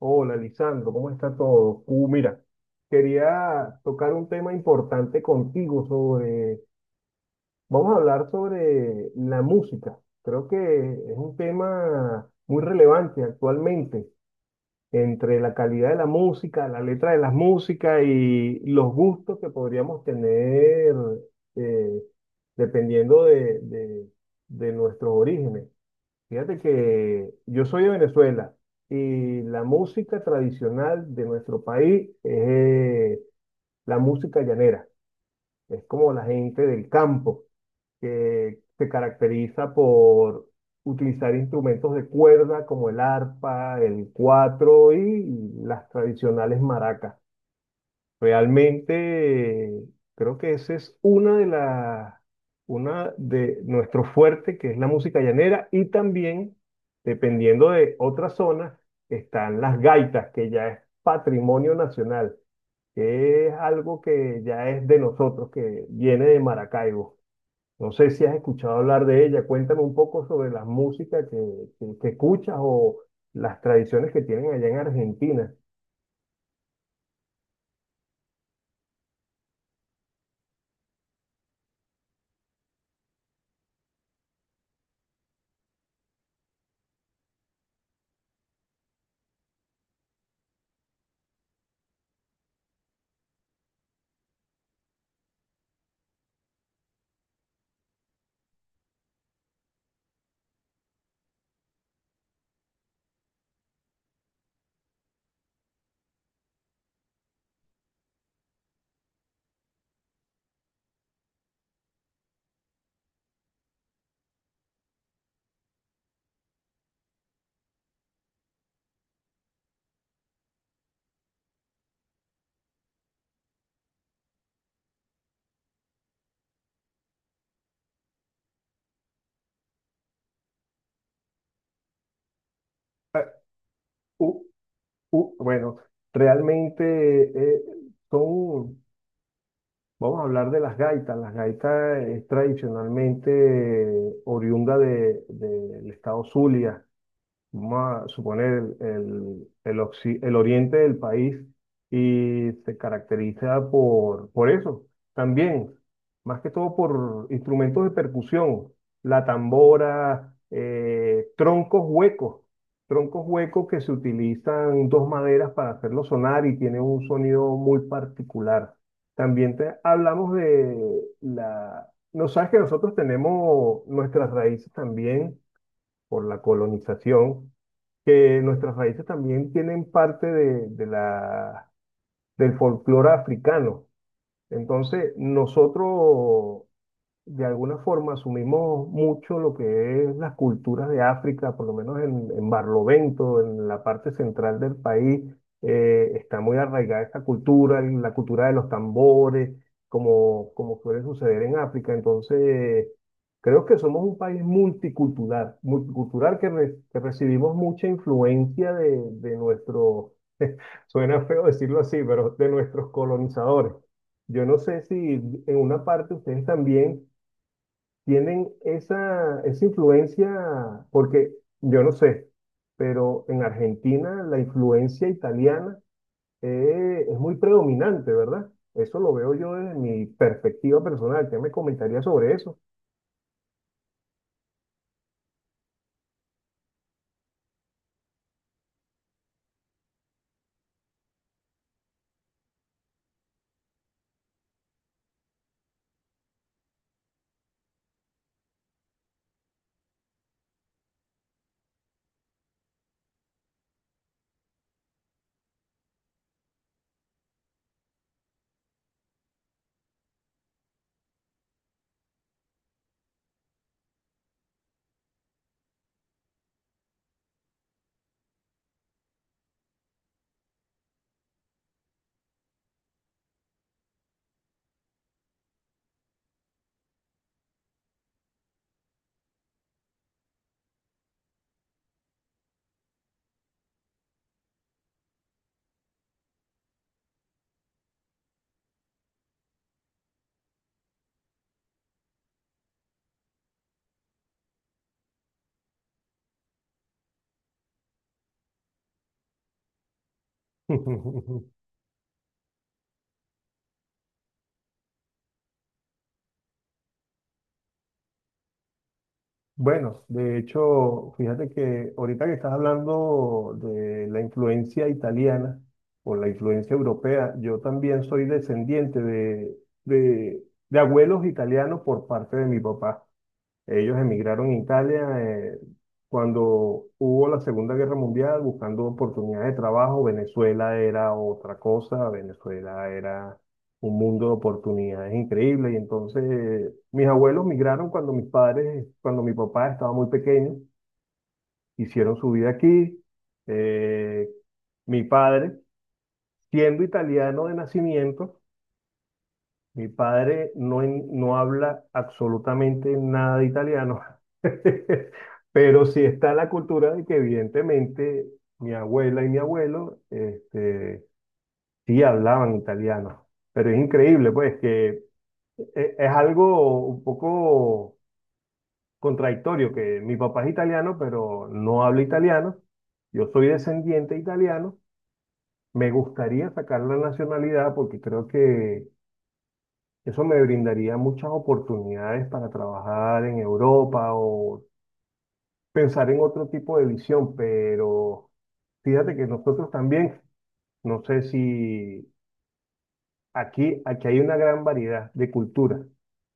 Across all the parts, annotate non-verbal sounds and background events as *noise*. Hola, Lisandro, ¿cómo está todo? Mira, quería tocar un tema importante contigo sobre, vamos a hablar sobre la música. Creo que es un tema muy relevante actualmente entre la calidad de la música, la letra de la música y los gustos que podríamos tener eh, dependiendo de nuestros orígenes. Fíjate que yo soy de Venezuela y la música tradicional de nuestro país es eh, la música llanera. Es como la gente del campo que se caracteriza por utilizar instrumentos de cuerda como el arpa, el cuatro y las tradicionales maracas. Realmente creo que esa es una de nuestro fuerte, que es la música llanera, y también, dependiendo de otras zonas, están las gaitas, que ya es patrimonio nacional, que es algo que ya es de nosotros, que viene de Maracaibo. No sé si has escuchado hablar de ella, cuéntame un poco sobre la música que escuchas o las tradiciones que tienen allá en Argentina. Ah, u- bueno, realmente eh, son, vamos a hablar de las gaitas. Las gaitas es tradicionalmente oriunda del estado Zulia vamos a suponer, el el oriente del país y se caracteriza por eso. También, más que todo por instrumentos de percusión, la tambora, troncos huecos que se utilizan dos maderas para hacerlo sonar y tiene un sonido muy particular. También hablamos de la. No sabes que nosotros tenemos nuestras raíces también por la colonización, que nuestras raíces también tienen parte del folclore africano. Entonces, nosotros de alguna forma asumimos mucho lo que es las culturas de África, por lo menos en Barlovento, en la parte central del país, está muy arraigada esta cultura, y la cultura de los tambores, como suele suceder en África. Entonces, creo que somos un país multicultural, que recibimos mucha influencia de nuestro, *laughs* suena feo decirlo así, pero de nuestros colonizadores. Yo no sé si en una parte ustedes también tienen esa influencia, porque yo no sé, pero en Argentina la influencia italiana es muy predominante, ¿verdad? Eso lo veo yo desde mi perspectiva personal. ¿Qué me comentaría sobre eso? *laughs* Bueno, de hecho, fíjate que ahorita que estás hablando de la influencia italiana o la influencia europea, yo también soy descendiente de, de abuelos italianos por parte de mi papá. Ellos emigraron a Italia cuando hubo la Segunda Guerra Mundial buscando oportunidades de trabajo. Venezuela era otra cosa, Venezuela era un mundo de oportunidades increíbles. Y entonces mis abuelos migraron cuando mi papá estaba muy pequeño, hicieron su vida aquí. Eh, Mi padre, siendo italiano de nacimiento, mi padre no, no habla absolutamente nada de italiano, *laughs* pero sí está la cultura de que evidentemente mi abuela y mi abuelo este, sí hablaban italiano. Pero es increíble, pues, que es algo un poco contradictorio, que mi papá es italiano, pero no habla italiano. Yo soy descendiente italiano. Me gustaría sacar la nacionalidad porque creo que eso me brindaría muchas oportunidades para trabajar en Europa o pensar en otro tipo de visión, pero fíjate que nosotros también, no sé si aquí hay una gran variedad de culturas.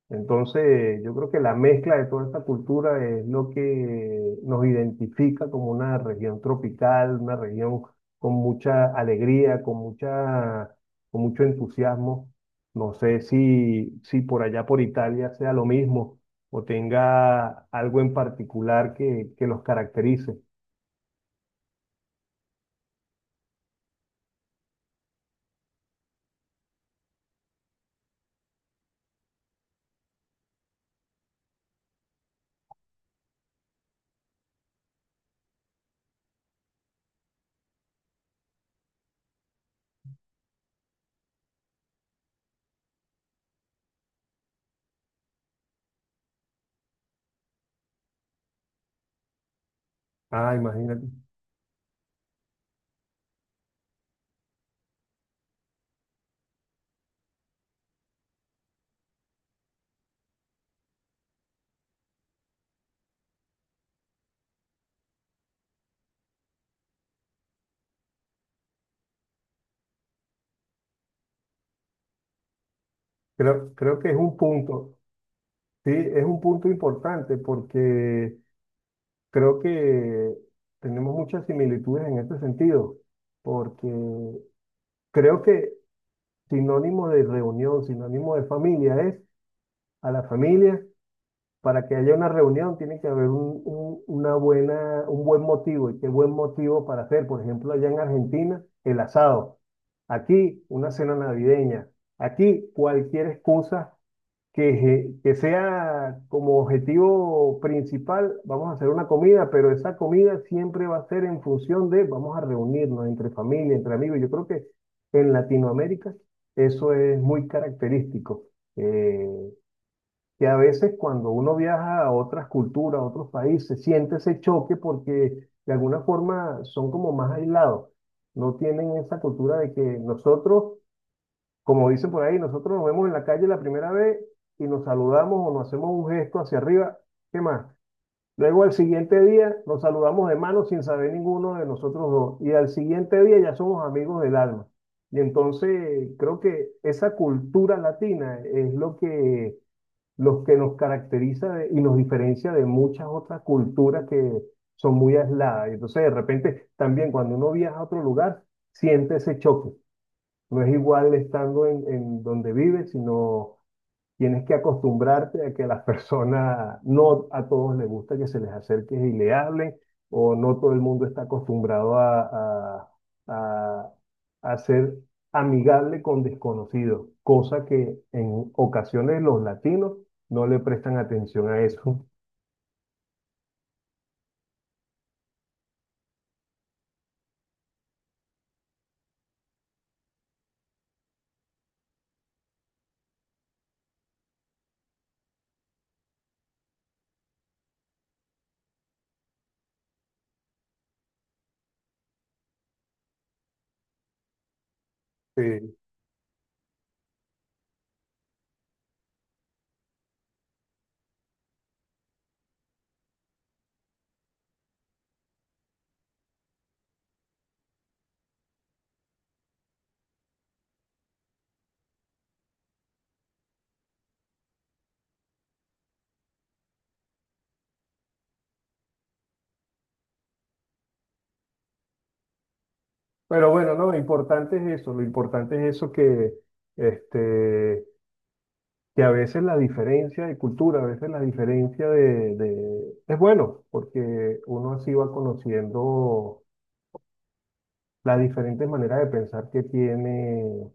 Entonces, yo creo que la mezcla de toda esta cultura es lo que nos identifica como una región tropical, una región con mucha alegría, con mucho entusiasmo. No sé si por allá por Italia sea lo mismo o tenga algo en particular que los caracterice. Ah, imagínate. Creo que es un punto, sí, es un punto importante porque creo que tenemos muchas similitudes en este sentido, porque creo que sinónimo de reunión, sinónimo de familia es a la familia, para que haya una reunión tiene que haber una buena, un buen motivo. ¿Y qué buen motivo para hacer? Por ejemplo, allá en Argentina, el asado. Aquí, una cena navideña. Aquí, cualquier excusa que, que sea como objetivo principal, vamos a hacer una comida, pero esa comida siempre va a ser en función de, vamos a reunirnos entre familia, entre amigos. Yo creo que en Latinoamérica eso es muy característico. Eh, que a veces cuando uno viaja a otras culturas, a otros países, siente ese choque porque de alguna forma son como más aislados. No tienen esa cultura de que nosotros, como dicen por ahí, nosotros nos vemos en la calle la primera vez y nos saludamos o nos hacemos un gesto hacia arriba, ¿qué más? Luego al siguiente día nos saludamos de mano sin saber ninguno de nosotros dos y al siguiente día ya somos amigos del alma. Y entonces creo que esa cultura latina es lo que los que nos caracteriza y nos diferencia de muchas otras culturas que son muy aisladas. Y entonces, de repente, también cuando uno viaja a otro lugar, siente ese choque. No es igual estando en donde vive, sino tienes que acostumbrarte a que a las personas, no a todos les gusta que se les acerque y le hablen, o no todo el mundo está acostumbrado a, a- a ser amigable con desconocidos, cosa que en ocasiones los latinos no le prestan atención a eso. Sí. Pero bueno, no, lo importante es eso, lo importante es eso que este, que a veces la diferencia de cultura, a veces la diferencia es bueno, porque uno así va conociendo las diferentes maneras de pensar que tiene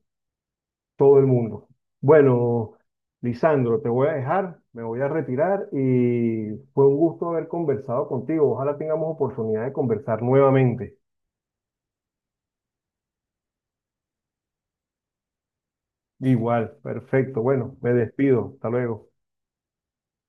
todo el mundo. Bueno, Lisandro, te voy a dejar, me voy a retirar y fue un gusto haber conversado contigo. Ojalá tengamos oportunidad de conversar nuevamente. Igual, perfecto. Bueno, me despido. Hasta luego.